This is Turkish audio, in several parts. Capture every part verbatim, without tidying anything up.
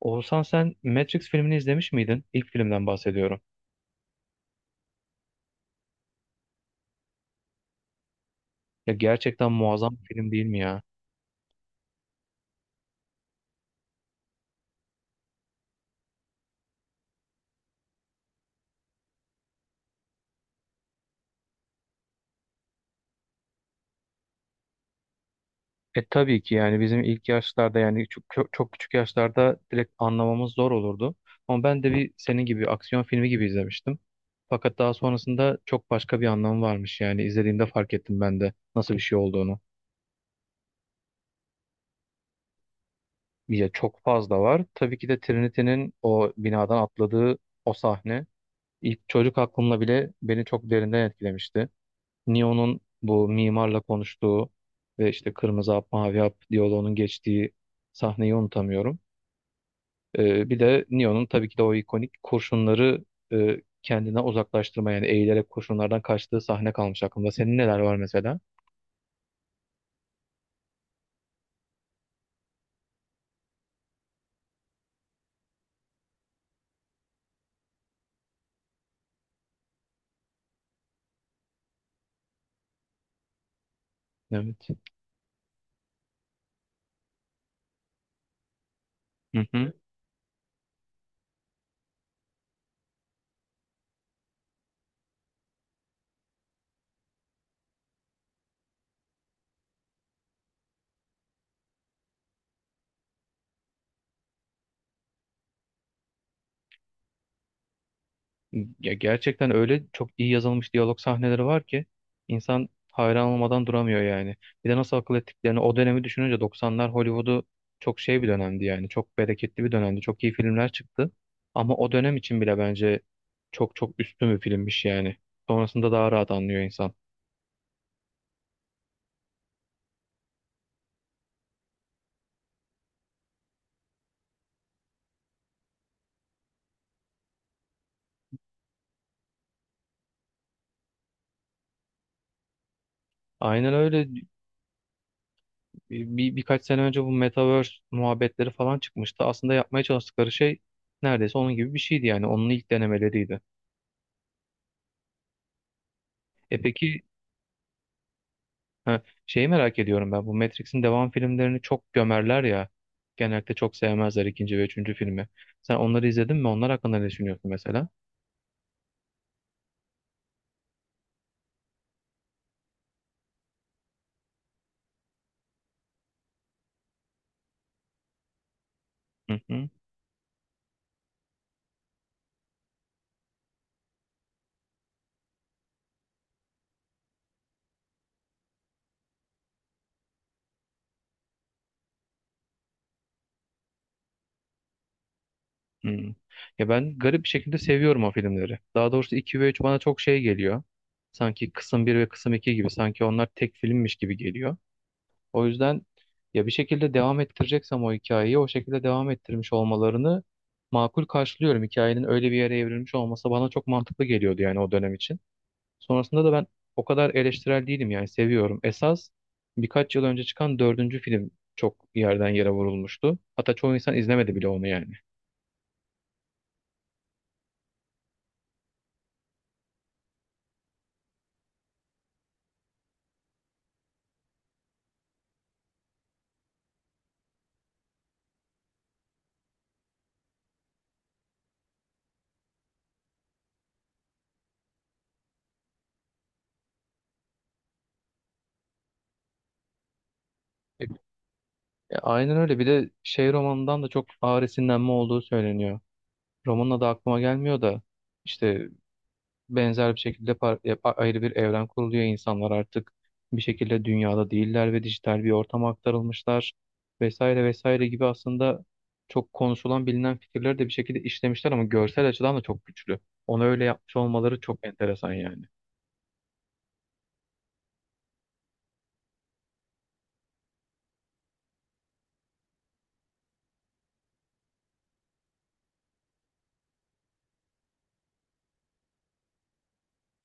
Oğuzhan sen Matrix filmini izlemiş miydin? İlk filmden bahsediyorum. Ya gerçekten muazzam bir film değil mi ya? E tabii ki yani bizim ilk yaşlarda yani çok, çok çok küçük yaşlarda direkt anlamamız zor olurdu. Ama ben de bir senin gibi aksiyon filmi gibi izlemiştim. Fakat daha sonrasında çok başka bir anlamı varmış yani izlediğimde fark ettim ben de nasıl bir şey olduğunu. Ya çok fazla var. Tabii ki de Trinity'nin o binadan atladığı o sahne ilk çocuk aklımla bile beni çok derinden etkilemişti. Neo'nun bu mimarla konuştuğu ve işte kırmızı hap mavi hap diyaloğunun geçtiği sahneyi unutamıyorum. Ee, bir de Neo'nun tabii ki de o ikonik kurşunları e, kendine uzaklaştırma yani eğilerek kurşunlardan kaçtığı sahne kalmış aklımda. Senin neler var mesela? Evet. Hı hı. Ya gerçekten öyle çok iyi yazılmış diyalog sahneleri var ki insan hayran olmadan duramıyor yani. Bir de nasıl akıl ettiklerini o dönemi düşününce doksanlar Hollywood'u çok şey bir dönemdi yani. Çok bereketli bir dönemdi. Çok iyi filmler çıktı. Ama o dönem için bile bence çok çok üstün bir filmmiş yani. Sonrasında daha rahat anlıyor insan. Aynen öyle. Bir, birkaç sene önce bu Metaverse muhabbetleri falan çıkmıştı. Aslında yapmaya çalıştıkları şey neredeyse onun gibi bir şeydi yani. Onun ilk denemeleriydi. E peki. Ha, şeyi merak ediyorum ben. Bu Matrix'in devam filmlerini çok gömerler ya. Genellikle çok sevmezler ikinci ve üçüncü filmi. Sen onları izledin mi? Onlar hakkında ne düşünüyorsun mesela? Hı hı. Hı. Ya ben garip bir şekilde seviyorum o filmleri. Daha doğrusu iki ve üç bana çok şey geliyor. Sanki kısım bir ve kısım iki gibi. Sanki onlar tek filmmiş gibi geliyor. O yüzden ya bir şekilde devam ettireceksem o hikayeyi o şekilde devam ettirmiş olmalarını makul karşılıyorum. Hikayenin öyle bir yere evrilmiş olması bana çok mantıklı geliyordu yani o dönem için. Sonrasında da ben o kadar eleştirel değilim yani seviyorum. Esas birkaç yıl önce çıkan dördüncü film çok yerden yere vurulmuştu. Hatta çoğu insan izlemedi bile onu yani. E, e, Aynen öyle. Bir de şey romanından da çok ağır esinlenme olduğu söyleniyor. Romanın adı aklıma gelmiyor da işte benzer bir şekilde par- e, a- ayrı bir evren kuruluyor. İnsanlar artık bir şekilde dünyada değiller ve dijital bir ortama aktarılmışlar vesaire vesaire gibi aslında çok konuşulan bilinen fikirleri de bir şekilde işlemişler ama görsel açıdan da çok güçlü. Onu öyle yapmış olmaları çok enteresan yani.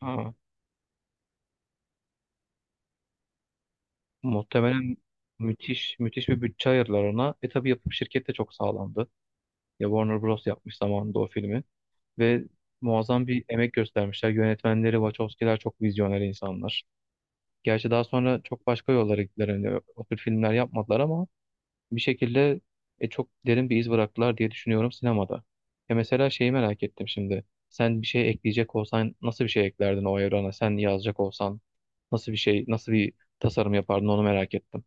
Ha, muhtemelen müthiş müthiş bir bütçe ayırdılar ona. E tabii yapım şirket de çok sağlamdı. Ya Warner Bros. Yapmış zamanında o filmi. Ve muazzam bir emek göstermişler. Yönetmenleri, Wachowski'ler çok vizyoner insanlar. Gerçi daha sonra çok başka yollara gittiler. Hani o tür filmler yapmadılar ama bir şekilde e, çok derin bir iz bıraktılar diye düşünüyorum sinemada. Ya mesela şeyi merak ettim şimdi. Sen bir şey ekleyecek olsan nasıl bir şey eklerdin o evrana? Sen yazacak olsan nasıl bir şey, nasıl bir tasarım yapardın onu merak ettim.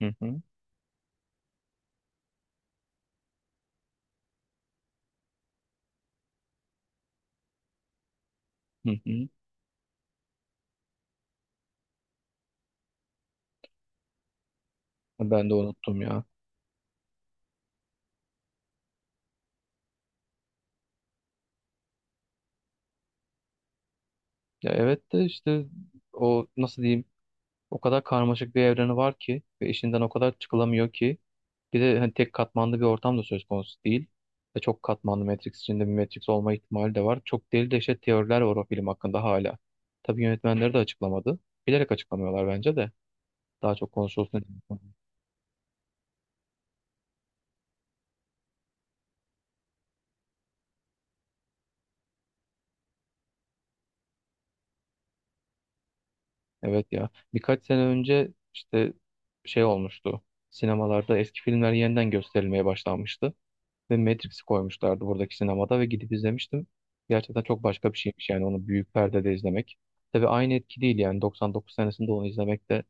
Hı hı, hı hı. Ben de unuttum ya. Ya evet de işte o nasıl diyeyim o kadar karmaşık bir evreni var ki ve işinden o kadar çıkılamıyor ki. Bir de hani tek katmanlı bir ortam da söz konusu değil. Ve çok katmanlı Matrix içinde bir Matrix olma ihtimali de var. Çok deli deşet teoriler var o film hakkında hala. Tabii yönetmenleri de açıklamadı. Bilerek açıklamıyorlar bence de. Daha çok konuşulsun diye. Evet ya. Birkaç sene önce işte şey olmuştu. Sinemalarda eski filmler yeniden gösterilmeye başlanmıştı. Ve Matrix'i koymuşlardı buradaki sinemada ve gidip izlemiştim. Gerçekten çok başka bir şeymiş yani onu büyük perdede izlemek. Tabii aynı etki değil yani doksan dokuz senesinde onu izlemek de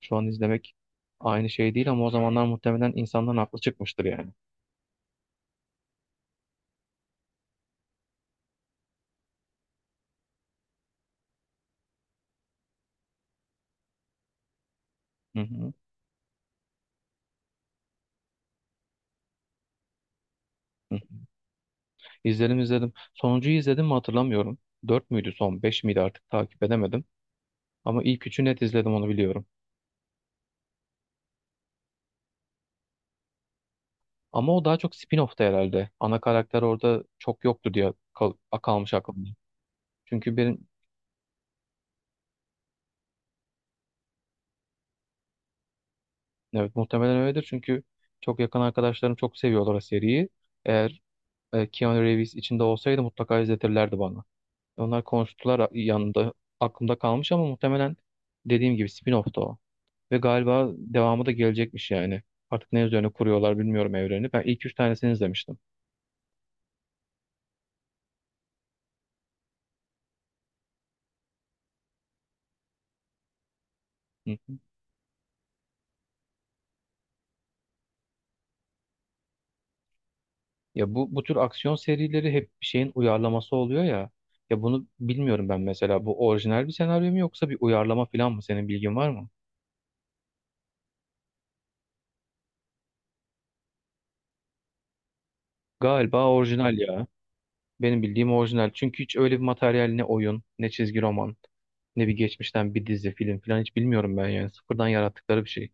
şu an izlemek aynı şey değil ama o zamanlar muhtemelen insanların aklı çıkmıştır yani. Hı hı. Hı. İzledim izledim. Sonuncuyu izledim mi hatırlamıyorum. Dört müydü son beş miydi artık takip edemedim. Ama ilk üçü net izledim onu biliyorum. Ama o daha çok spin-off'ta herhalde. Ana karakter orada çok yoktu diye kal kalmış aklımda. Çünkü benim. Evet muhtemelen öyledir çünkü çok yakın arkadaşlarım çok seviyorlar o seriyi. Eğer e, Keanu Reeves içinde olsaydı mutlaka izletirlerdi bana. Onlar konuştular yanında aklımda kalmış ama muhtemelen dediğim gibi spin-off'tu o. Ve galiba devamı da gelecekmiş yani. Artık ne üzerine kuruyorlar bilmiyorum evreni. Ben ilk üç tanesini izlemiştim. Hı hı. Ya bu bu tür aksiyon serileri hep bir şeyin uyarlaması oluyor ya. Ya bunu bilmiyorum ben mesela. Bu orijinal bir senaryo mu yoksa bir uyarlama falan mı? Senin bilgin var mı? Galiba orijinal ya. Benim bildiğim orijinal. Çünkü hiç öyle bir materyal ne oyun, ne çizgi roman, ne bir geçmişten bir dizi, film falan hiç bilmiyorum ben yani. Sıfırdan yarattıkları bir şey.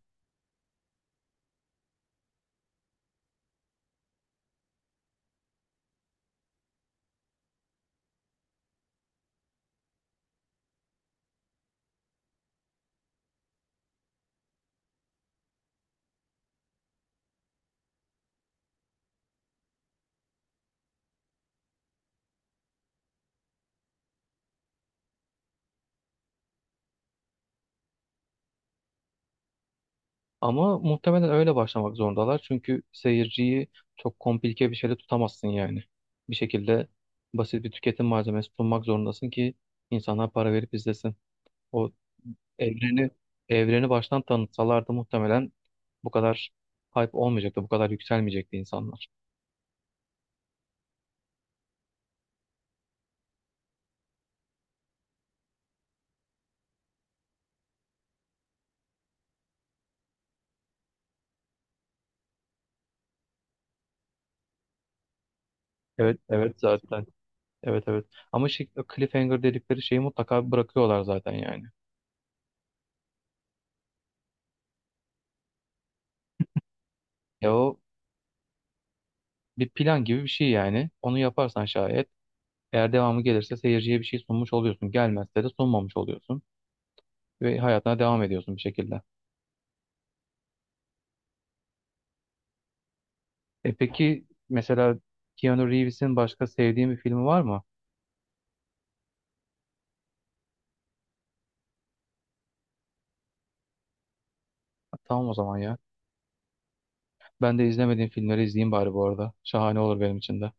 Ama muhtemelen öyle başlamak zorundalar. Çünkü seyirciyi çok komplike bir şeyle tutamazsın yani. Bir şekilde basit bir tüketim malzemesi sunmak zorundasın ki insanlar para verip izlesin. O evreni evreni baştan tanıtsalardı muhtemelen bu kadar hype olmayacaktı, bu kadar yükselmeyecekti insanlar. Evet, evet zaten. Evet evet. Ama şey, o cliffhanger dedikleri şeyi mutlaka bırakıyorlar zaten yani. Ya o bir plan gibi bir şey yani. Onu yaparsan şayet eğer devamı gelirse seyirciye bir şey sunmuş oluyorsun. Gelmezse de sunmamış oluyorsun. Ve hayatına devam ediyorsun bir şekilde. E peki mesela Keanu Reeves'in başka sevdiğin bir filmi var mı? Ha, tamam o zaman ya. Ben de izlemediğim filmleri izleyeyim bari bu arada. Şahane olur benim için de.